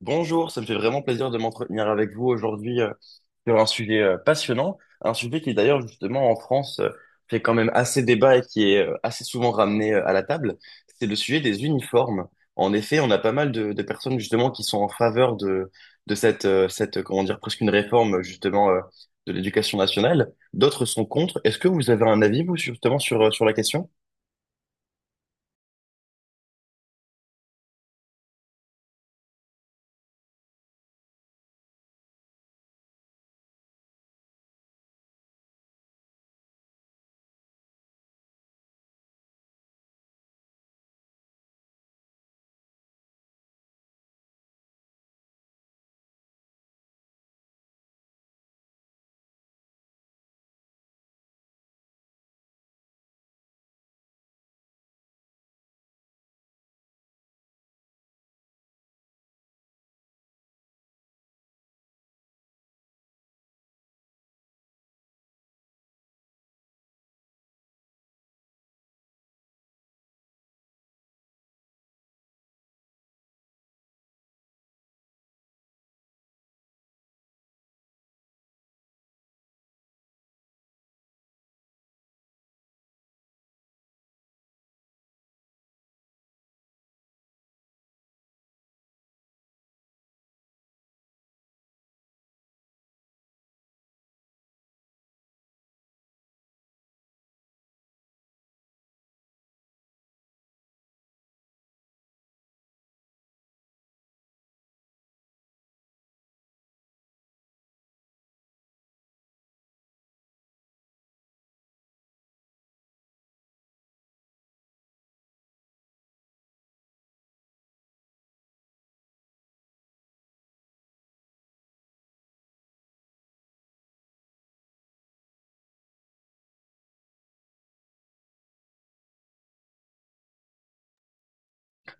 Bonjour, ça me fait vraiment plaisir de m'entretenir avec vous aujourd'hui sur un sujet passionnant, un sujet qui d'ailleurs justement en France fait quand même assez débat et qui est assez souvent ramené à la table, c'est le sujet des uniformes. En effet, on a pas mal de personnes justement qui sont en faveur de cette, cette, comment dire, presque une réforme justement de l'éducation nationale, d'autres sont contre. Est-ce que vous avez un avis vous justement sur, sur la question?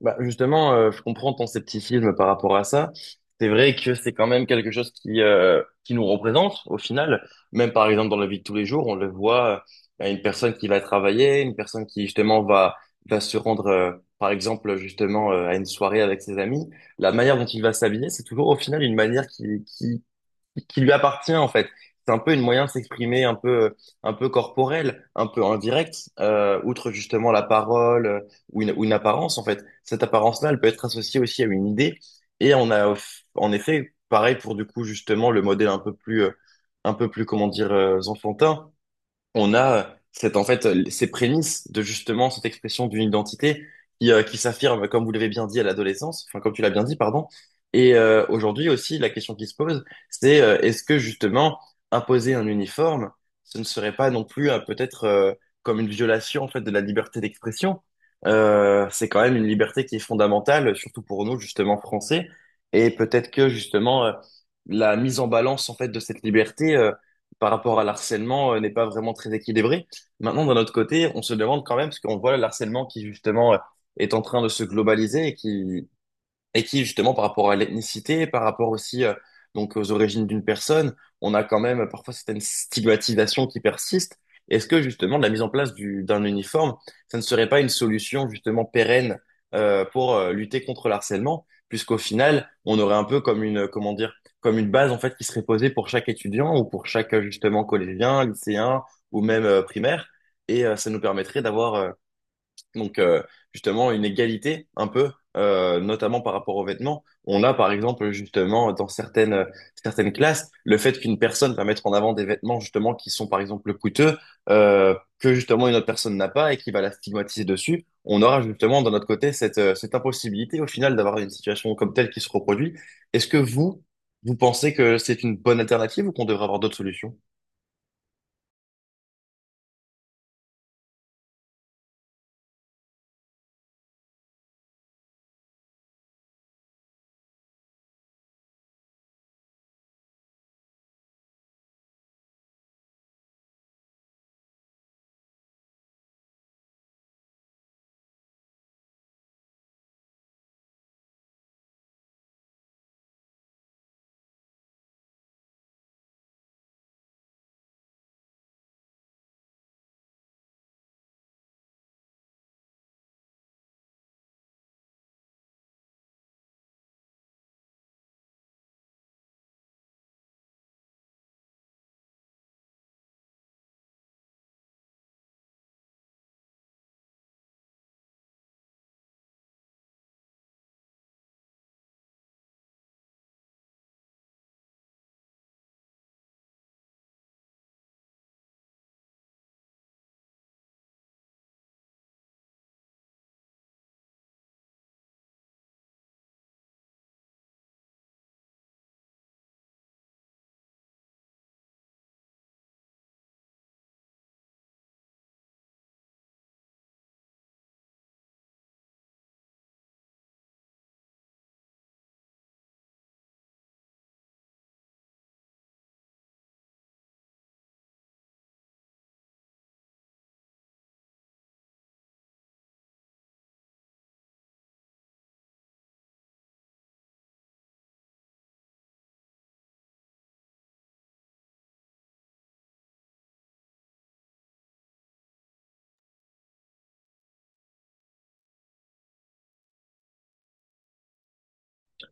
Bah justement, je comprends ton scepticisme par rapport à ça. C'est vrai que c'est quand même quelque chose qui nous représente au final. Même par exemple dans la vie de tous les jours, on le voit une personne qui va travailler, une personne qui justement va se rendre par exemple justement à une soirée avec ses amis. La manière dont il va s'habiller, c'est toujours au final une manière qui qui lui appartient en fait. C'est un peu une moyen de s'exprimer un peu corporel, un peu indirect, outre justement la parole ou une apparence en fait. Cette apparence-là, elle peut être associée aussi à une idée. Et on a en effet, pareil pour du coup justement le modèle un peu plus comment dire enfantin. On a cette, en fait, ces prémices de justement cette expression d'une identité qui s'affirme, comme vous l'avez bien dit, à l'adolescence, enfin, comme tu l'as bien dit, pardon. Et aujourd'hui aussi, la question qui se pose, c'est est-ce que justement imposer un uniforme, ce ne serait pas non plus peut-être comme une violation en fait de la liberté d'expression? C'est quand même une liberté qui est fondamentale, surtout pour nous justement français. Et peut-être que justement la mise en balance en fait de cette liberté, par rapport à l'harcèlement n'est pas vraiment très équilibré. Maintenant, d'un autre côté, on se demande quand même, parce qu'on voit l'harcèlement qui justement est en train de se globaliser et qui, justement, par rapport à l'ethnicité, par rapport aussi donc aux origines d'une personne, on a quand même parfois certaines stigmatisations qui persistent. Est-ce que, justement, la mise en place d'un uniforme, ça ne serait pas une solution, justement, pérenne pour lutter contre le harcèlement, puisqu'au final, on aurait un peu comme une, comment dire, comme une base, en fait, qui serait posée pour chaque étudiant ou pour chaque, justement, collégien, lycéen ou même primaire, et ça nous permettrait d'avoir donc, justement, une égalité un peu, notamment par rapport aux vêtements. On a, par exemple, justement, certaines classes, le fait qu'une personne va mettre en avant des vêtements, justement, qui sont, par exemple, coûteux, que, justement, une autre personne n'a pas et qui va la stigmatiser dessus. On aura, justement, de notre côté, cette, cette impossibilité, au final, d'avoir une situation comme telle qui se reproduit. Est-ce que vous, Vous pensez que c'est une bonne alternative ou qu'on devrait avoir d'autres solutions?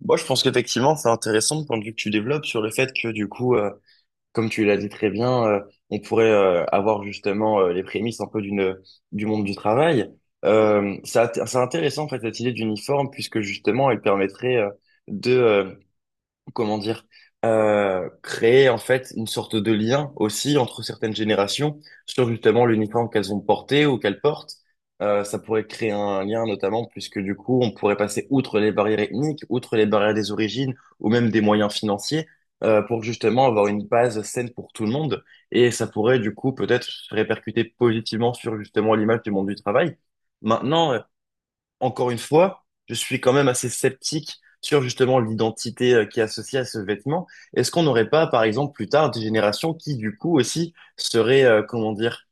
Moi, je pense qu'effectivement, c'est intéressant le point de vue que tu développes sur le fait que, du coup, comme tu l'as dit très bien, on pourrait avoir justement les prémices un peu d'une du monde du travail. Euh, c'est c'est intéressant en fait cette idée d'uniforme puisque justement elle permettrait de comment dire, créer en fait une sorte de lien aussi entre certaines générations sur justement l'uniforme qu'elles ont porté ou qu'elles portent. Ça pourrait créer un lien notamment puisque du coup on pourrait passer outre les barrières ethniques, outre les barrières des origines ou même des moyens financiers pour justement avoir une base saine pour tout le monde. Et ça pourrait du coup peut-être se répercuter positivement sur justement l'image du monde du travail. Maintenant, encore une fois, je suis quand même assez sceptique sur justement l'identité qui est associée à ce vêtement. Est-ce qu'on n'aurait pas, par exemple, plus tard des générations qui, du coup, aussi seraient, comment dire,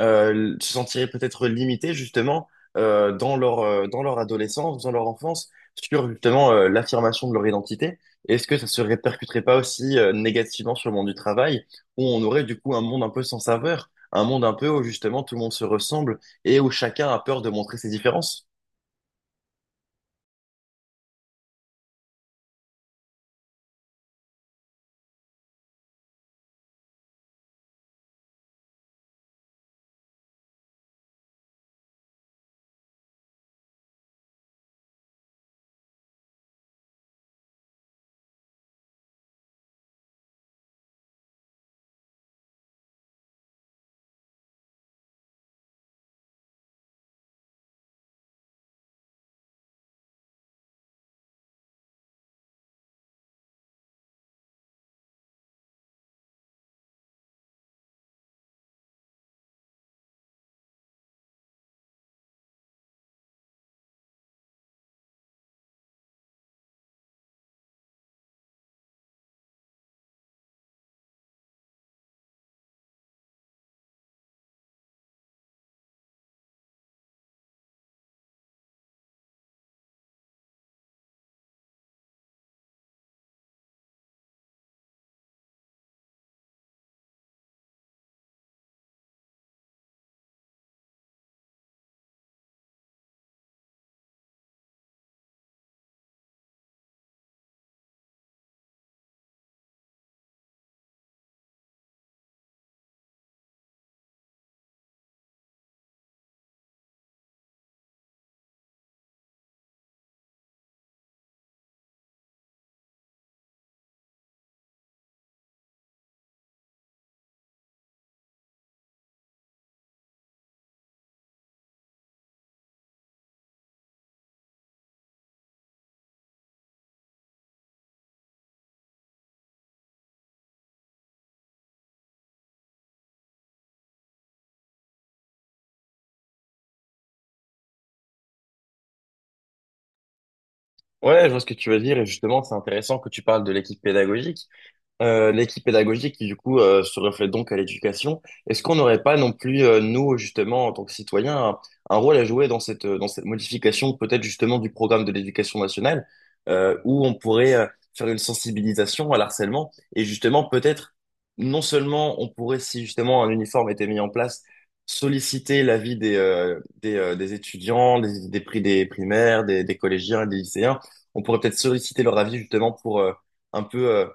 se sentiraient peut-être limitées justement dans leur adolescence, dans leur enfance, sur justement l'affirmation de leur identité? Est-ce que ça se répercuterait pas aussi négativement sur le monde du travail, où on aurait du coup un monde un peu sans saveur, un monde un peu où justement tout le monde se ressemble et où chacun a peur de montrer ses différences? Ouais, je vois ce que tu veux dire et justement, c'est intéressant que tu parles de l'équipe pédagogique qui du coup se reflète donc à l'éducation. Est-ce qu'on n'aurait pas non plus nous justement en tant que un rôle à jouer dans cette modification peut-être justement du programme de l'éducation nationale où on pourrait faire une sensibilisation à l'harcèlement et justement peut-être non seulement on pourrait si justement un uniforme était mis en place solliciter l'avis des étudiants des prix des primaires des collégiens et des lycéens. On pourrait peut-être solliciter leur avis justement pour un peu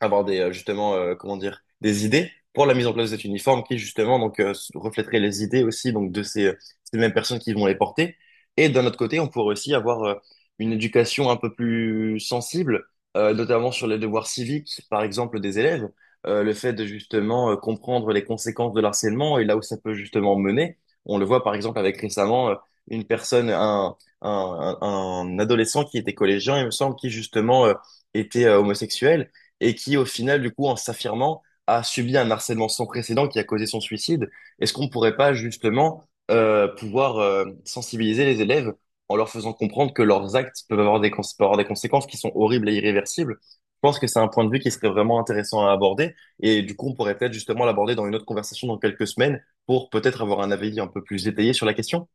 avoir des, justement, comment dire, des idées pour la mise en place de cet uniforme qui, justement, donc, reflèterait les idées aussi, donc, de ces, ces mêmes personnes qui vont les porter. Et d'un autre côté, on pourrait aussi avoir une éducation un peu plus sensible, notamment sur les devoirs civiques, par exemple, des élèves, le fait de, justement, comprendre les conséquences de l'harcèlement et là où ça peut, justement, mener. On le voit, par exemple, avec récemment, une personne, un adolescent qui était collégien, il me semble, qui, justement, était homosexuel et qui, au final, du coup, en s'affirmant, a subi un harcèlement sans précédent qui a causé son suicide. Est-ce qu'on pourrait pas justement pouvoir sensibiliser les élèves en leur faisant comprendre que leurs actes peuvent avoir peuvent avoir des conséquences qui sont horribles et irréversibles? Je pense que c'est un point de vue qui serait vraiment intéressant à aborder et du coup, on pourrait peut-être justement l'aborder dans une autre conversation dans quelques semaines pour peut-être avoir un avis un peu plus détaillé sur la question.